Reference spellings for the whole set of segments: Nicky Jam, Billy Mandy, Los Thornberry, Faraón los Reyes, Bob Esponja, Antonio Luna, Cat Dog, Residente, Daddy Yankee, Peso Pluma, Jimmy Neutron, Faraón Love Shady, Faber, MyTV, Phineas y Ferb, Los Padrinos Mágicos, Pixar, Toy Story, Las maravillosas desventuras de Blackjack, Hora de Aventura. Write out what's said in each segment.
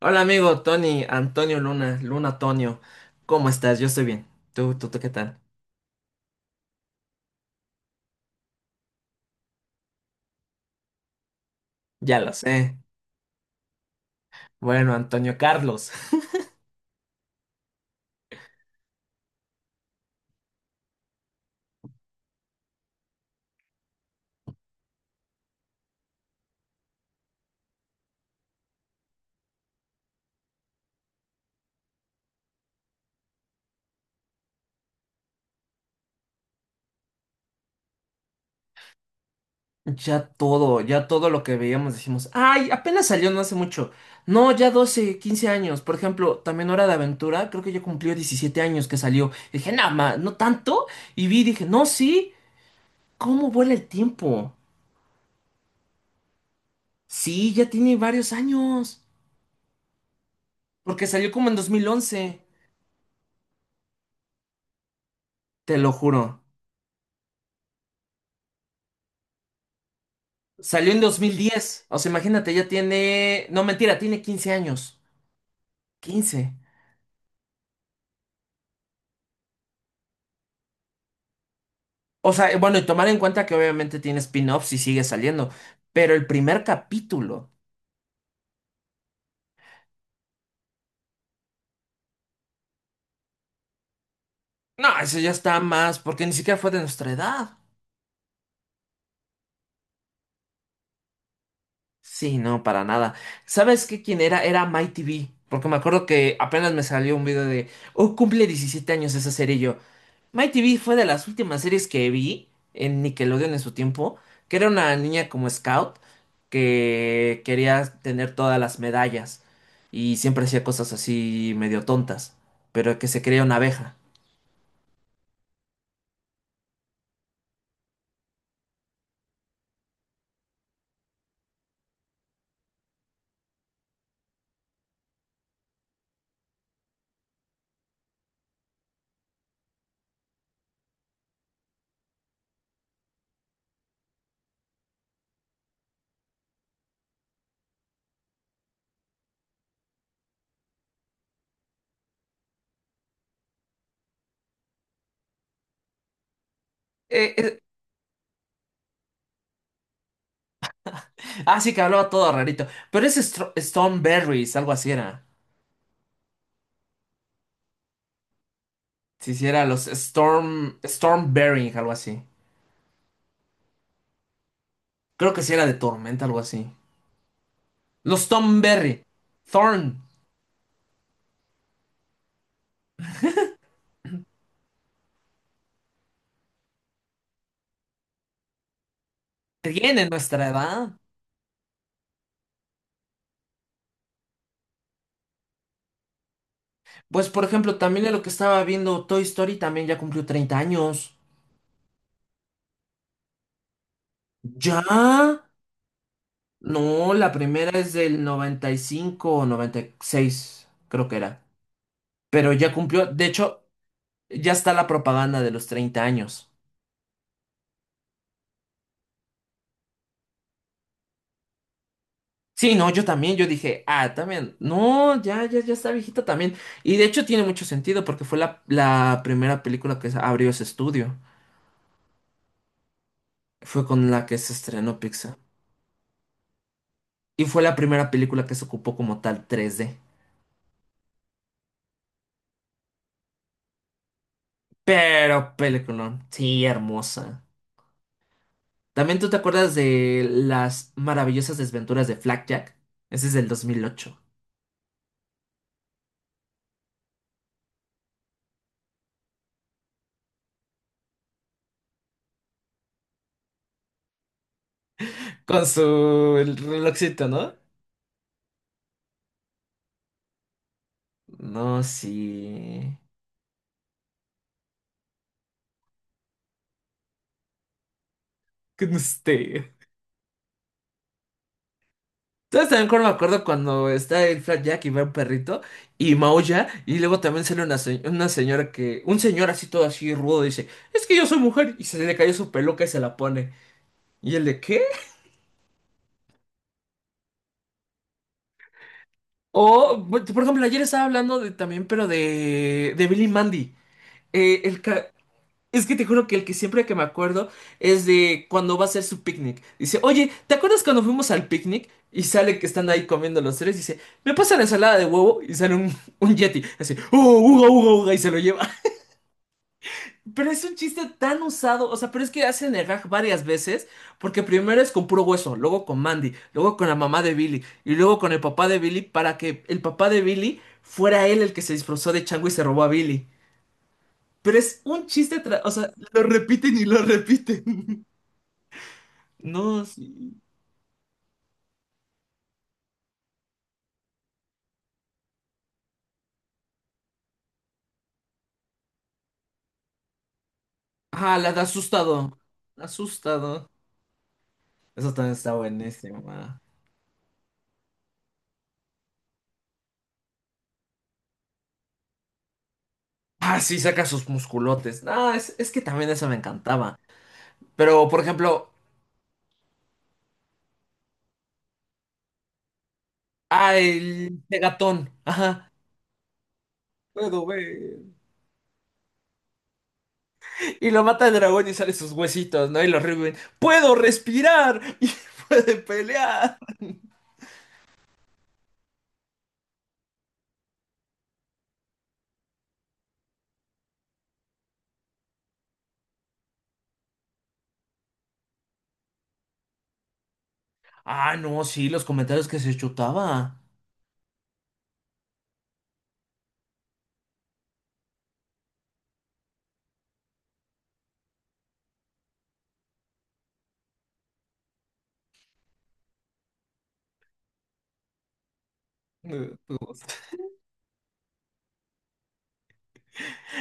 Hola amigo Tony, Antonio Luna, Luna Antonio, ¿cómo estás? Yo estoy bien. ¿Tú qué tal? Ya lo sé. Bueno, Antonio Carlos. Ya todo lo que veíamos decimos, ay, apenas salió no hace mucho. No, ya 12 15 años. Por ejemplo, también Hora de Aventura, creo que ya cumplió 17 años que salió. Y dije, nada más, no tanto. Y vi, dije, no, sí, ¿cómo vuela el tiempo? Sí, ya tiene varios años, porque salió como en 2011, te lo juro. Salió en 2010. O sea, imagínate, ya tiene. No, mentira, tiene 15 años. 15. O sea, bueno, y tomar en cuenta que obviamente tiene spin-offs y sigue saliendo. Pero el primer capítulo. No, eso ya está más, porque ni siquiera fue de nuestra edad. Sí, no, para nada. ¿Sabes qué? ¿Quién era? Era MyTV. Porque me acuerdo que apenas me salió un video de. Oh, cumple 17 años esa serie y yo. My TV fue de las últimas series que vi en Nickelodeon en su tiempo, que era una niña como scout que quería tener todas las medallas y siempre hacía cosas así medio tontas, pero que se creía una abeja. Eh, eh, ah, sí, que hablaba todo rarito, pero es Stormberries, algo así era. Si sí, era los Stormberry, algo así. Creo que sí era de tormenta, algo así. Los Thornberry. Thorn. ¿Tienen nuestra edad? Pues por ejemplo, también de lo que estaba viendo, Toy Story también ya cumplió 30 años. ¿Ya? No, la primera es del 95 o noventa y seis, creo que era. Pero ya cumplió, de hecho, ya está la propaganda de los 30 años. Sí, no, yo también, yo dije, ah, también, no, ya, ya, ya está viejita también. Y de hecho tiene mucho sentido porque fue la primera película que abrió ese estudio. Fue con la que se estrenó Pixar. Y fue la primera película que se ocupó como tal 3D. Pero peliculón, sí, hermosa. También tú te acuerdas de las maravillosas desventuras de Blackjack. Ese es del 2008. Con su el relojcito, ¿no? No, sí. Con usted. ¿Sabes también cuando me acuerdo cuando está el Jack y ve un perrito y maulla y luego también sale una, una señora que, un señor así todo así rudo dice, es que yo soy mujer y se le cayó su peluca y se la pone. ¿Y el de qué? O, por ejemplo, ayer estaba hablando de también, pero de Billy Mandy. Eh, el ca- es que te juro que el que siempre que me acuerdo es de cuando va a hacer su picnic. Dice, oye, ¿te acuerdas cuando fuimos al picnic? Y sale que están ahí comiendo los tres. Dice, me pasa la ensalada de huevo y sale un yeti. Así, ¡uh, uga, uga, uga! Y se lo lleva. Pero es un chiste tan usado, o sea, pero es que hacen el gag varias veces, porque primero es con puro hueso, luego con Mandy, luego con la mamá de Billy, y luego con el papá de Billy, para que el papá de Billy fuera él el que se disfrazó de chango y se robó a Billy. Pero es un chiste, o sea, lo repiten y lo repiten. No, sí. Ah, la de asustado. Asustado. Eso también está buenísima. Ah. Ah, sí, saca sus musculotes. Ah, es que también eso me encantaba. Pero, por ejemplo, ah, el Megatón. Ajá. Puedo ver. Y lo mata el dragón y sale sus huesitos, ¿no? Y los reviven. ¡Puedo respirar! Y puede pelear. Ah, no, sí, los comentarios que se chutaba. Pues.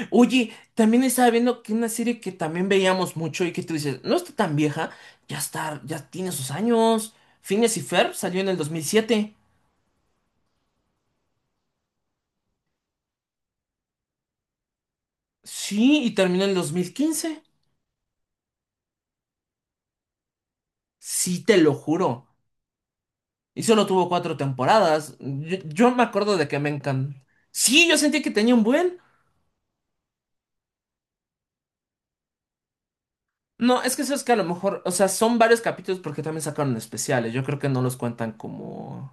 Oye, también estaba viendo que una serie que también veíamos mucho y que tú dices, no está tan vieja, ya está, ya tiene sus años. Phineas y Ferb salió en el 2007. Sí, y terminó en el 2015. Sí, te lo juro. Y solo tuvo cuatro temporadas. Yo me acuerdo de que me encantó. Sí, yo sentí que tenía un buen. No, es que eso es que a lo mejor, o sea, son varios capítulos porque también sacaron especiales. Yo creo que no los cuentan como,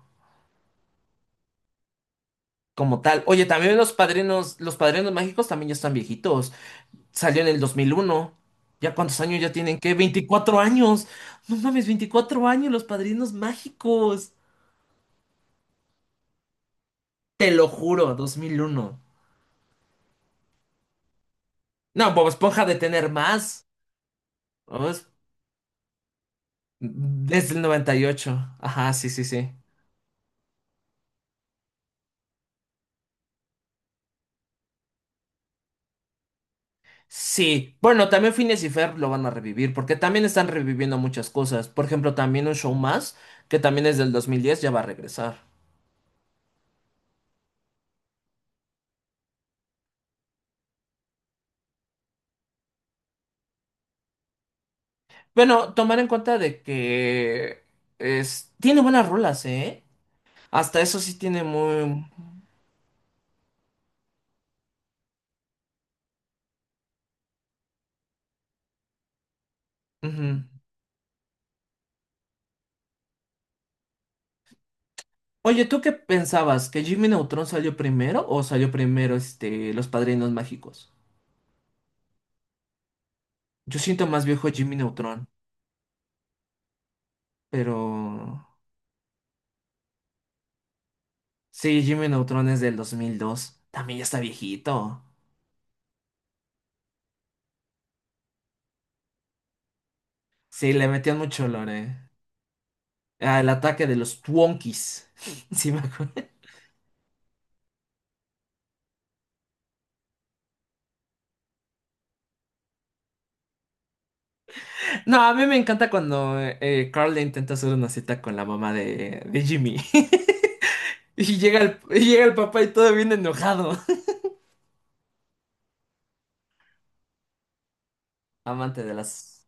como tal. Oye, también los padrinos mágicos también ya están viejitos. Salió en el 2001. ¿Ya cuántos años ya tienen? ¿Qué? ¡24 años! No mames, 24 años los padrinos mágicos. Te lo juro, 2001. No, Bob Esponja de tener más. Desde el noventa y ocho. Ajá, sí, sí, sí. Sí, bueno, también Phineas y Ferb lo van a revivir, porque también están reviviendo muchas cosas. Por ejemplo, también un show más, que también es del 2010, ya va a regresar. Bueno, tomar en cuenta de que es, tiene buenas rolas, ¿eh? Hasta eso sí tiene muy... Ujú. Oye, ¿tú qué pensabas? ¿Que Jimmy Neutron salió primero o salió primero este, Los Padrinos Mágicos? Yo siento más viejo Jimmy Neutron, pero... Sí, Jimmy Neutron es del 2002. También ya está viejito. Sí, le metían mucho lore. Ah, el ataque de los Twonkies. Sí, me acuerdo. No, a mí me encanta cuando Carl le intenta hacer una cita con la mamá de Jimmy. Y llega el papá y todo bien enojado. Amante de las...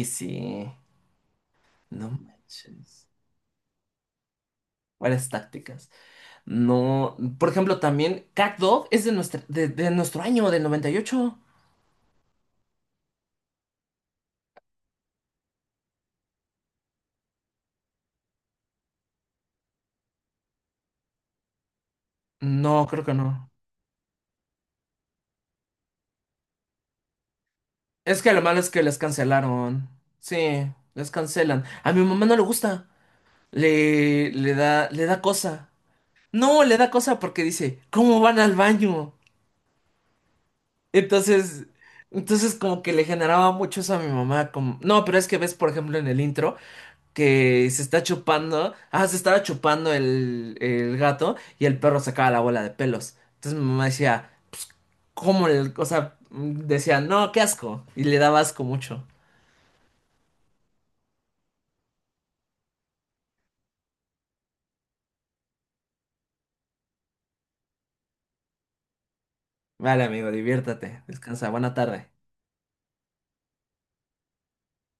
Y sí, no manches. Varias tácticas. No, por ejemplo, también Cat Dog es de nuestro año, del 98. No, creo que no. Es que lo malo es que les cancelaron. Sí, les cancelan. A mi mamá no le gusta. Le da cosa. No, le da cosa porque dice, ¿cómo van al baño? Entonces, entonces como que le generaba mucho eso a mi mamá. Como... No, pero es que ves, por ejemplo, en el intro que se está chupando. Ah, se estaba chupando el gato y el perro sacaba la bola de pelos. Entonces mi mamá decía, pues, ¿cómo el...? O sea, decía, no, qué asco. Y le daba asco mucho. Vale, amigo, diviértete. Descansa. Buena tarde.